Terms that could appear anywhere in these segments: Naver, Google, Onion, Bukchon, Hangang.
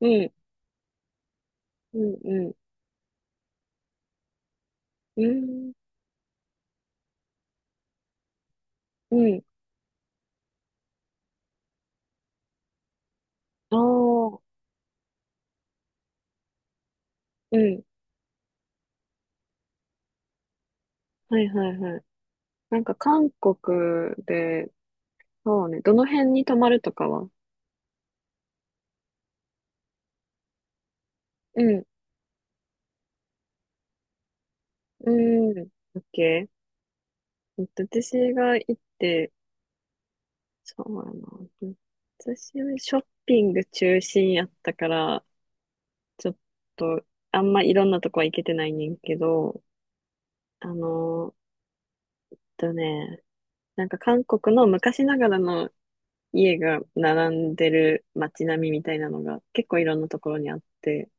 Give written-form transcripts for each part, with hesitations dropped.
うん、うん、うん、うん、うん、ああ、うん、はいはいはい。なんか韓国で、そうね、どの辺に泊まるとかは？うん、うん、オッケー。私が行って、そうやな。私はショッピング中心やったから、ちょっと、あんまいろんなとこは行けてないねんけど、あのーえっとね、なんか韓国の昔ながらの家が並んでる街並みみたいなのが結構いろんなところにあって、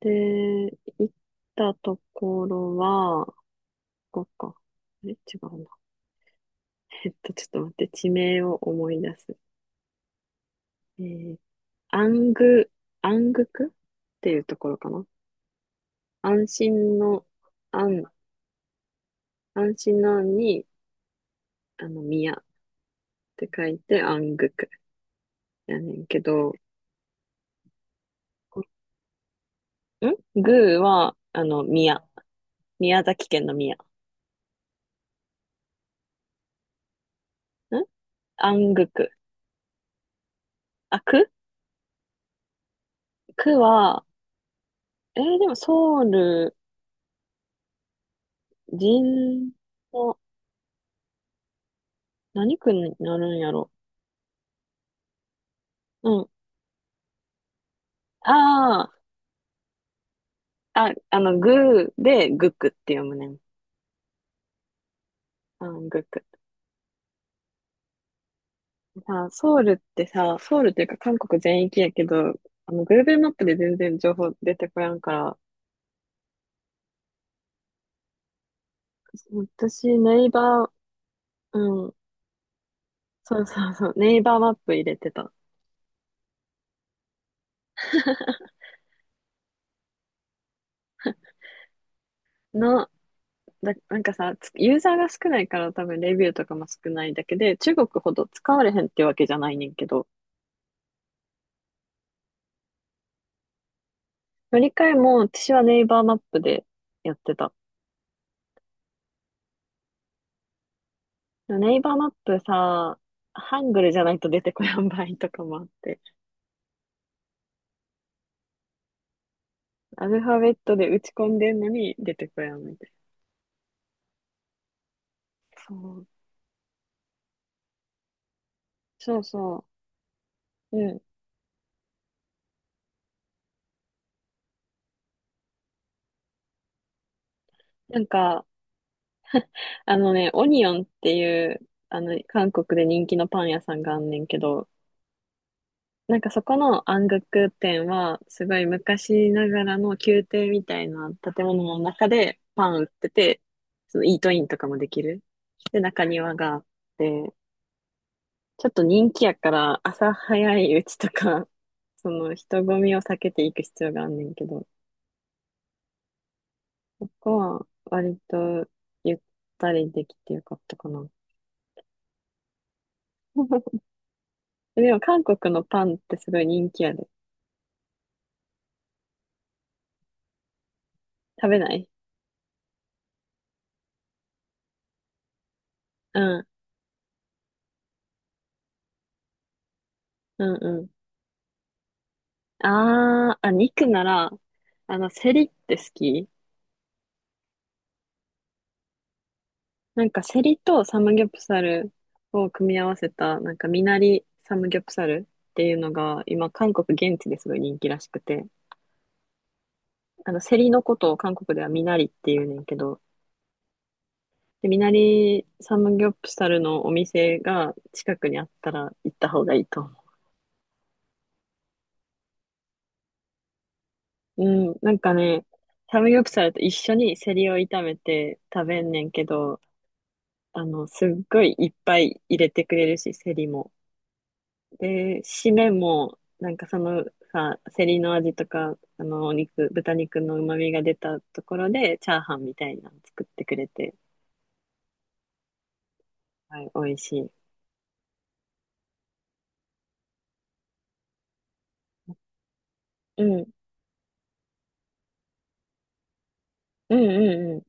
で、行ったところは、ここか。あれ違うな。ちょっと待って、地名を思い出す。えー、アング、アングクっていうところかな。安心の、安、安心の安に、宮って書いて、安グクやねんけど、グーは、宮。宮崎県の宮。ん安グク。あ、く区は、でもソウル、人の、何区になるんやろ。うん。あああ、グーでグクって読むねん。あー、グク。ソウルってさ、ソウルっていうか韓国全域やけど、Google マップで全然情報出てこやんから、私、ネイバー、うん、そうそうそう、ネイバーマップ入れてた。の、なんかさ、ユーザーが少ないから多分レビューとかも少ないだけで、中国ほど使われへんってわけじゃないねんけど、乗り換えも、私はネイバーマップでやってた。ネイバーマップさ、ハングルじゃないと出てこやん場合とかもあって、アルファベットで打ち込んでんのに出てこやんみたいな。そう。そうそう。うん。なんか、あのね、オニオンっていう、韓国で人気のパン屋さんがあんねんけど、なんかそこの暗黒店は、すごい昔ながらの宮廷みたいな建物の中でパン売ってて、そのイートインとかもできる。で、中庭があって、ちょっと人気やから朝早いうちとか、その人混みを避けていく必要があんねんけど、そこは割とゆったりできてよかったかな。でも韓国のパンってすごい人気やで。食べない。うん、うん、うん、あーあ、肉なら、セリって好き？なんかセリとサムギョプサルを組み合わせた、なんかミナリサムギョプサルっていうのが、今、韓国現地ですごい人気らしくて、セリのことを韓国ではミナリっていうねんけど、で、ミナリサムギョプサルのお店が近くにあったら行った方がいいと思う。うん、なんかね、サムギョプサルと一緒にセリを炒めて食べんねんけど、すっごいいっぱい入れてくれるし、セリも。で、締めも、なんかそのさ、セリの味とか、お肉、豚肉の旨味が出たところで、チャーハンみたいなの作ってくれて、はい、美味しい。うん、うん、うん、うん。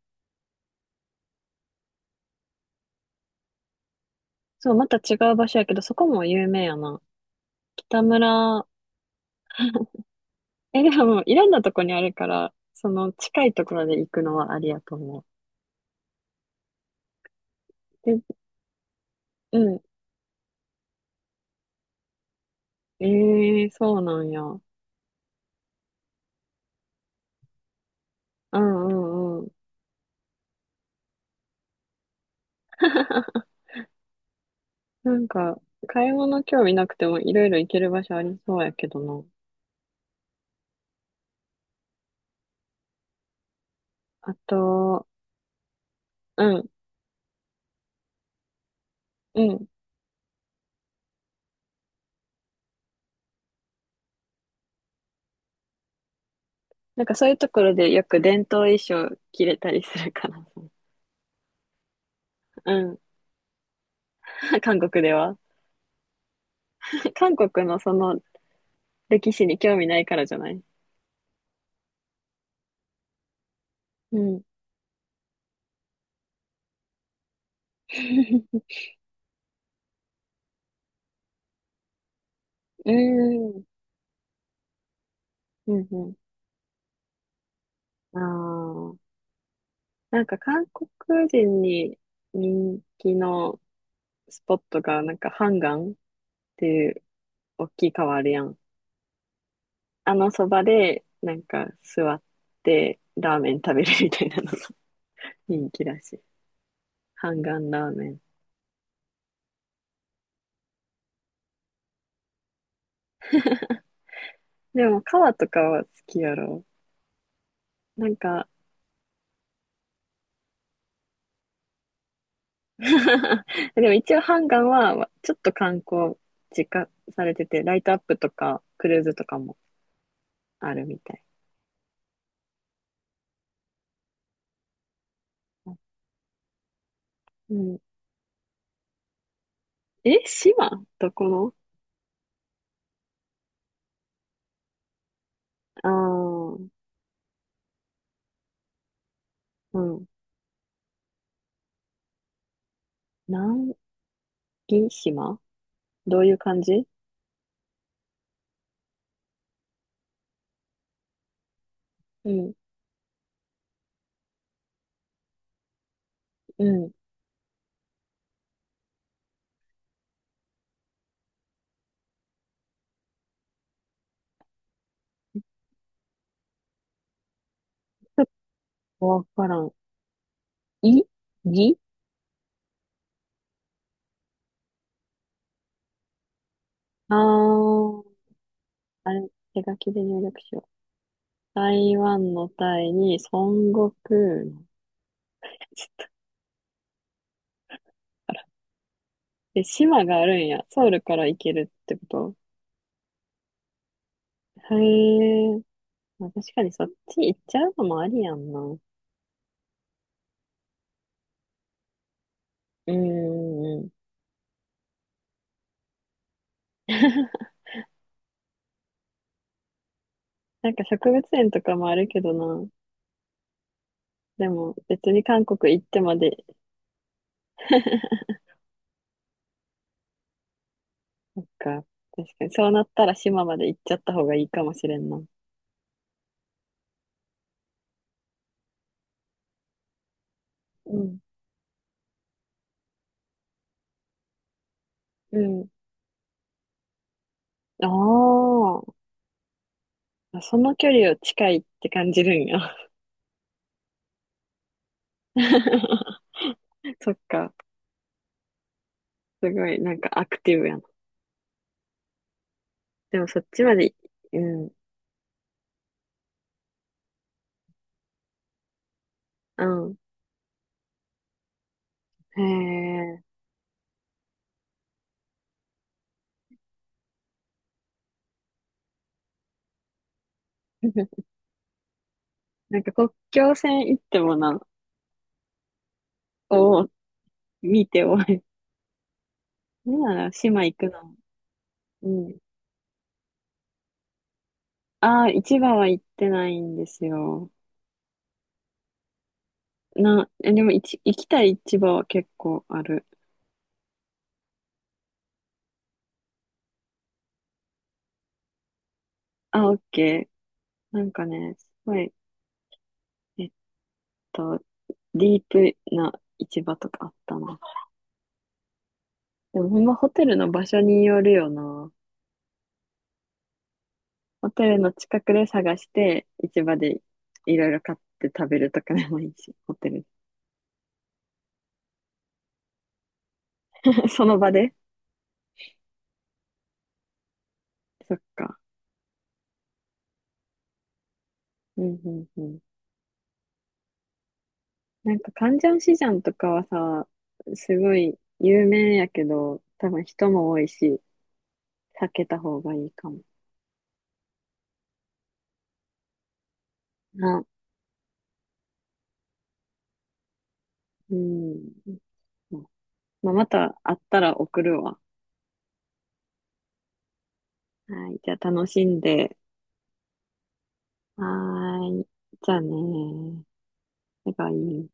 そう、また違う場所やけど、そこも有名やな。北村、え、でも、いろんなとこにあるから、その近いところで行くのはありやと思う。で、うん。ええ、そうなんや。うん、うん。なんか、買い物興味なくてもいろいろ行ける場所ありそうやけどな。あと、うん、うん。なんかそういうところでよく伝統衣装着れたりするからさ。うん。韓国では。韓国のその歴史に興味ないからじゃない？うん。うん。うん、うん。ああ。なんか韓国人に人気のスポットが、なんかハンガンっていう大きい川あるやん。あのそばで、なんか座ってラーメン食べるみたいなのが 人気らしい。ハンガンラーメン。でも、川とかは好きやろ。なんか でも一応ハンガンは、ちょっと観光実家されてて、ライトアップとか、クルーズとかもあるみたい。うん。え、島どこの？ああー、うん。南紀島どういう感じ？うん、うん。わからん。いぎ、ああー、あれ、手書きで入力しよう。台湾のタイに孫悟空の。え、島があるんや。ソウルから行けるってこと？へえ。まあ、確かにそっち行っちゃうのもありやんな。うん、うん、うん。なんか植物園とかもあるけどな。でも別に韓国行ってまで。か。確かにそうなったら島まで行っちゃった方がいいかもしれんな。うん。うん。ああ、その距離を近いって感じるんや。そっか。すごい、なんかアクティブやな。でもそっちまで、うん、うん。へえ。なんか国境線行ってもな、を見ておい。なんなら島行くの。うん。ああ、市場は行ってないんですよ。な、え、でもいち行きたい市場は結構ある。あ、オッケー。なんかね、すごい、えっと、ディープな市場とかあったな。でもほんまホテルの場所によるよな。ホテルの近くで探して、市場でいろいろ買って食べるとかでもいいし、ホテル。その場で、そっか。うん、うん、うん。なんか、カンジャンシジャンとかはさ、すごい有名やけど、多分人も多いし、避けた方がいいかも。な、うん。まあ、また会ったら送るわ。はい。じゃあ楽しんで。はーい。じゃあねー。バイバイ。